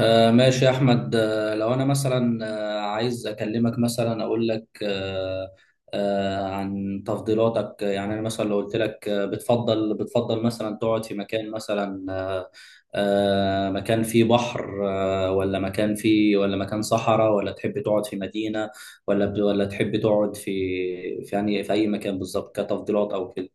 ماشي يا أحمد، لو أنا مثلا عايز أكلمك، مثلا أقول لك، عن تفضيلاتك. يعني أنا مثلا لو قلت لك، بتفضل مثلا تقعد في مكان، مثلا مكان فيه بحر، ولا مكان فيه، ولا مكان صحراء، ولا تحب تقعد في مدينة، ولا تحب تقعد في يعني في أي مكان بالظبط، كتفضيلات أو كده؟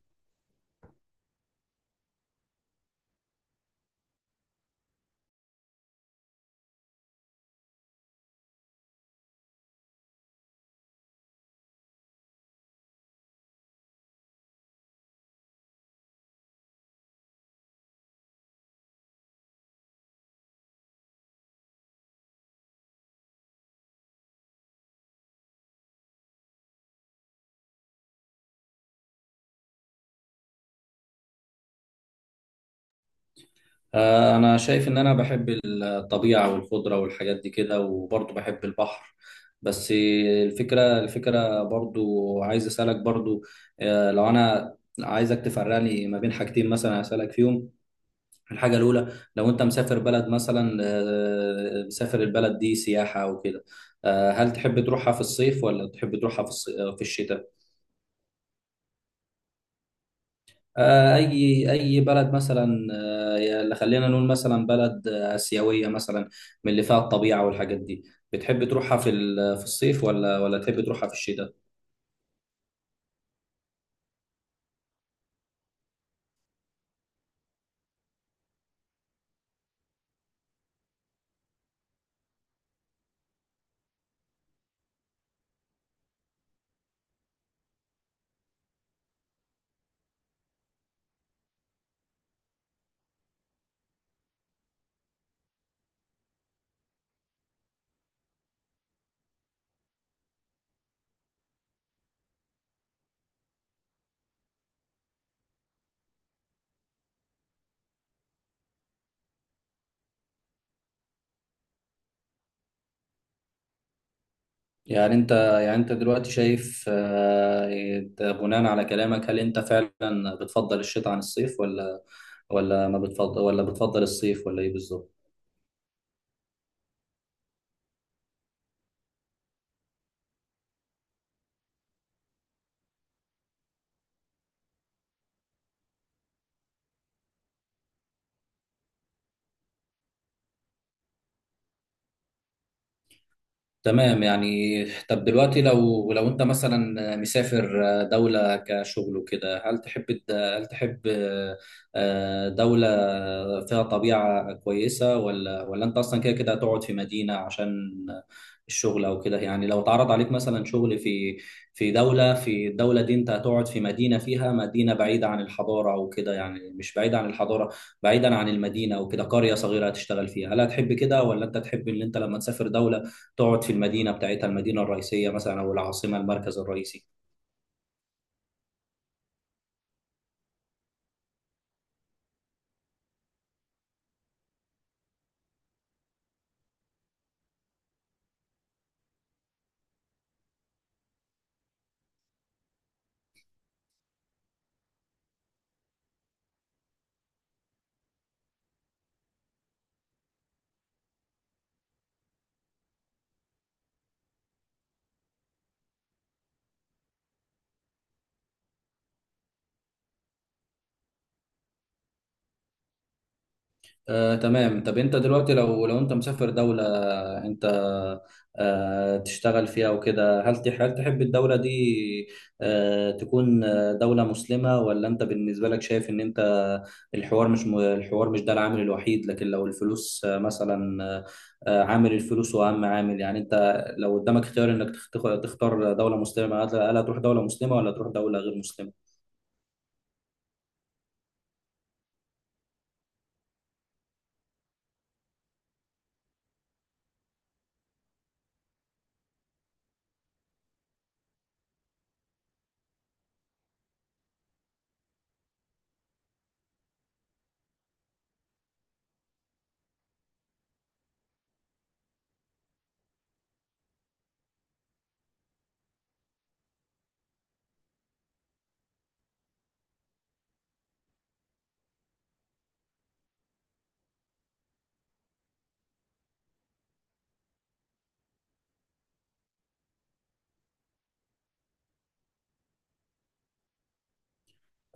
أنا شايف إن أنا بحب الطبيعة والخضرة والحاجات دي كده، وبرضه بحب البحر. بس الفكرة برضه، عايز أسألك برضه. لو أنا عايزك تفرقني ما بين حاجتين مثلا أسألك فيهم. الحاجة الأولى، لو أنت مسافر بلد مثلا، مسافر البلد دي سياحة أو كده، هل تحب تروحها في الصيف ولا تحب تروحها في الشتاء؟ اي بلد مثلا. خلينا نقول مثلا بلد اسيويه مثلا، من اللي فيها الطبيعه والحاجات دي. بتحب تروحها في الصيف، ولا تحب تروحها في الشتاء؟ يعني انت يعني انت دلوقتي شايف، إنت بناء على كلامك، هل انت فعلا بتفضل الشتاء عن الصيف، ولا ما بتفضل، ولا بتفضل الصيف، ولا ايه بالظبط؟ تمام. يعني طب دلوقتي لو انت مثلا مسافر دولة كشغل وكده، هل تحب دولة فيها طبيعة كويسة، ولا انت اصلا كده كده هتقعد في مدينة عشان الشغل او كده؟ يعني لو اتعرض عليك مثلا شغل في، في دولة في الدولة دي، انت هتقعد في مدينة فيها، مدينة بعيدة عن الحضارة او كده، يعني مش بعيدة عن الحضارة، بعيدا عن المدينة او كده، قرية صغيرة هتشتغل فيها، هل هتحب كده ولا انت تحب ان انت لما تسافر دولة تقعد في المدينة بتاعتها، المدينة الرئيسية مثلا، أو العاصمة، المركز الرئيسي؟ تمام. طب أنت دلوقتي لو أنت مسافر دولة، أنت تشتغل فيها وكده، هل تحب الدولة دي تكون دولة مسلمة، ولا أنت بالنسبة لك شايف إن أنت، الحوار مش ده العامل الوحيد، لكن لو الفلوس مثلا، عامل الفلوس هو أهم عامل، يعني أنت لو قدامك اختيار إنك تختار دولة مسلمة، هل هتروح دولة مسلمة ولا تروح دولة غير مسلمة؟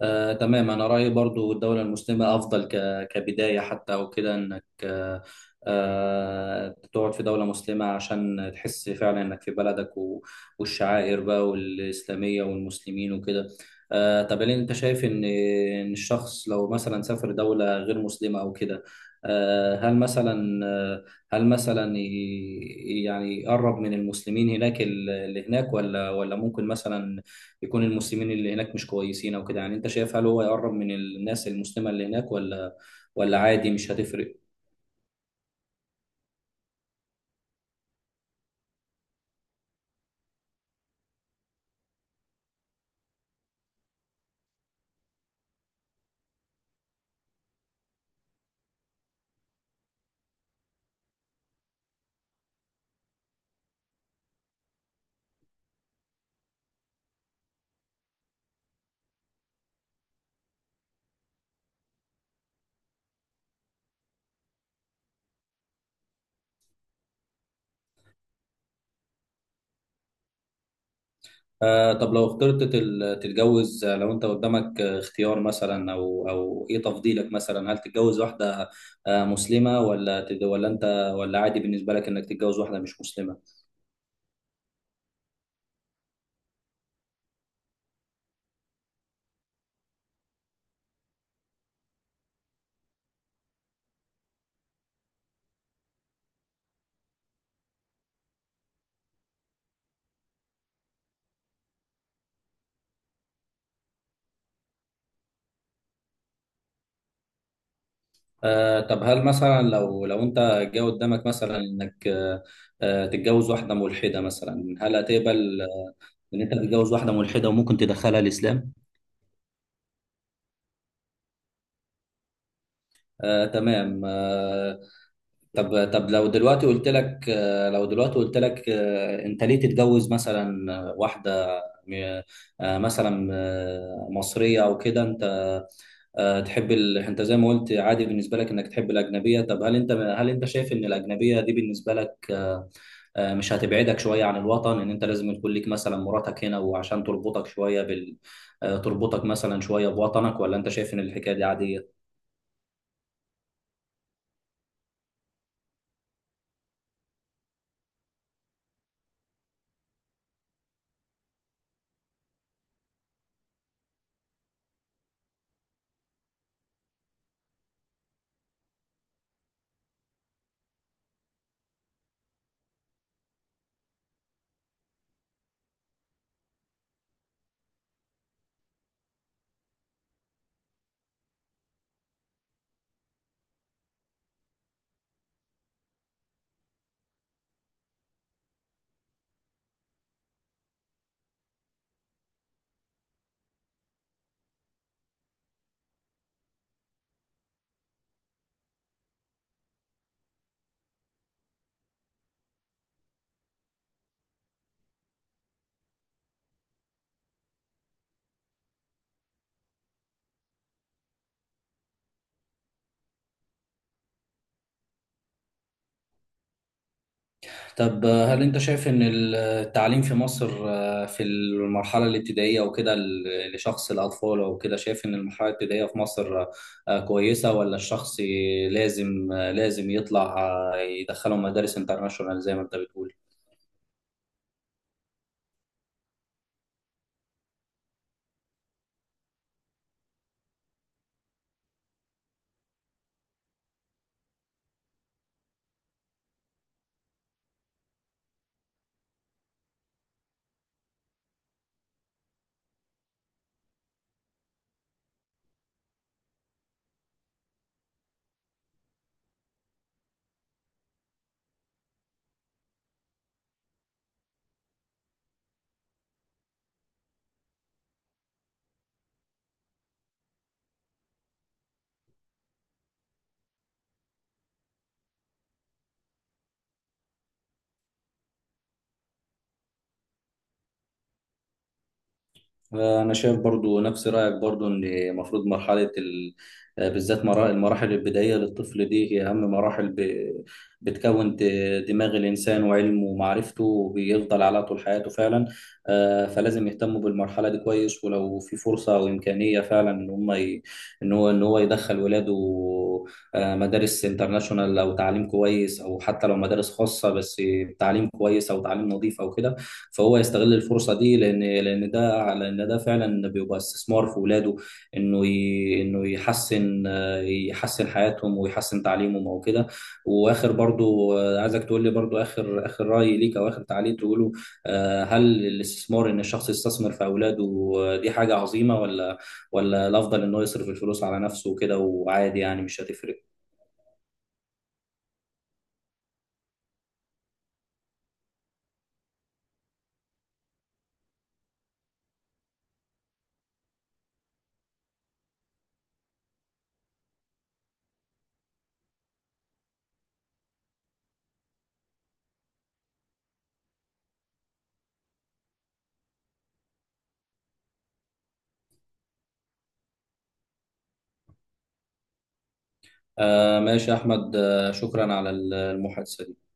تمام. أنا رأيي برضو الدولة المسلمة أفضل، كبداية حتى أو كده، إنك تقعد في دولة مسلمة، عشان تحس فعلا إنك في بلدك والشعائر بقى والإسلامية والمسلمين وكده. طب هل أنت شايف إن الشخص لو مثلا سافر دولة غير مسلمة أو كده، هل مثلا، هل مثلا يعني يقرب من المسلمين هناك، اللي هناك، ولا ممكن مثلا يكون المسلمين اللي هناك مش كويسين او كده؟ يعني انت شايف، هل هو يقرب من الناس المسلمة اللي هناك، ولا عادي مش هتفرق؟ طب لو اخترت تتجوز، لو انت قدامك اختيار مثلا، او ايه تفضيلك مثلا، هل تتجوز واحدة مسلمة ولا ولا انت، ولا عادي بالنسبة لك انك تتجوز واحدة مش مسلمة؟ طب هل مثلا لو انت جه قدامك مثلا انك، تتجوز واحدة ملحدة مثلا، هل هتقبل، ان انت تتجوز واحدة ملحدة وممكن تدخلها الاسلام؟ تمام. طب لو دلوقتي قلت لك، انت ليه تتجوز مثلا، واحده م- مثلا مصريه او كده. انت تحب انت زي ما قلت عادي بالنسبه لك انك تحب الاجنبيه. طب هل انت شايف ان الاجنبيه دي بالنسبه لك، مش هتبعدك شويه عن الوطن، ان انت لازم يكون ليك مثلا مراتك هنا وعشان تربطك شويه بال، تربطك مثلا شويه بوطنك، ولا انت شايف ان الحكايه دي عاديه؟ طب هل انت شايف ان التعليم في مصر، في المرحله الابتدائيه وكده، لشخص الاطفال او كده، شايف ان المرحله الابتدائيه في مصر كويسه، ولا الشخص لازم، لازم يطلع، يدخله مدارس انترناشونال زي ما انت بتقول؟ انا شايف برضو نفس رايك، برضو ان المفروض مرحله بالذات المراحل البدائيه للطفل دي هي اهم مراحل، بتكون دماغ الانسان وعلمه ومعرفته بيفضل على طول حياته فعلا. فلازم يهتموا بالمرحله دي كويس، ولو في فرصه او امكانيه فعلا ان هو يدخل ولاده مدارس انترناشونال او تعليم كويس، او حتى لو مدارس خاصه بس تعليم كويس او تعليم نظيف او كده، فهو يستغل الفرصه دي، لان ده فعلا بيبقى استثمار في ولاده، انه يحسن حياتهم ويحسن تعليمهم او كده. واخر، برضو عايزك تقول لي، برضو اخر راي ليك او اخر تعليق تقوله. هل الاستثمار، ان الشخص يستثمر في اولاده دي حاجه عظيمه، ولا الافضل انه يصرف الفلوس على نفسه وكده، وعادي يعني مش هتفرق؟ ماشي يا احمد. شكرا على المحادثه دي.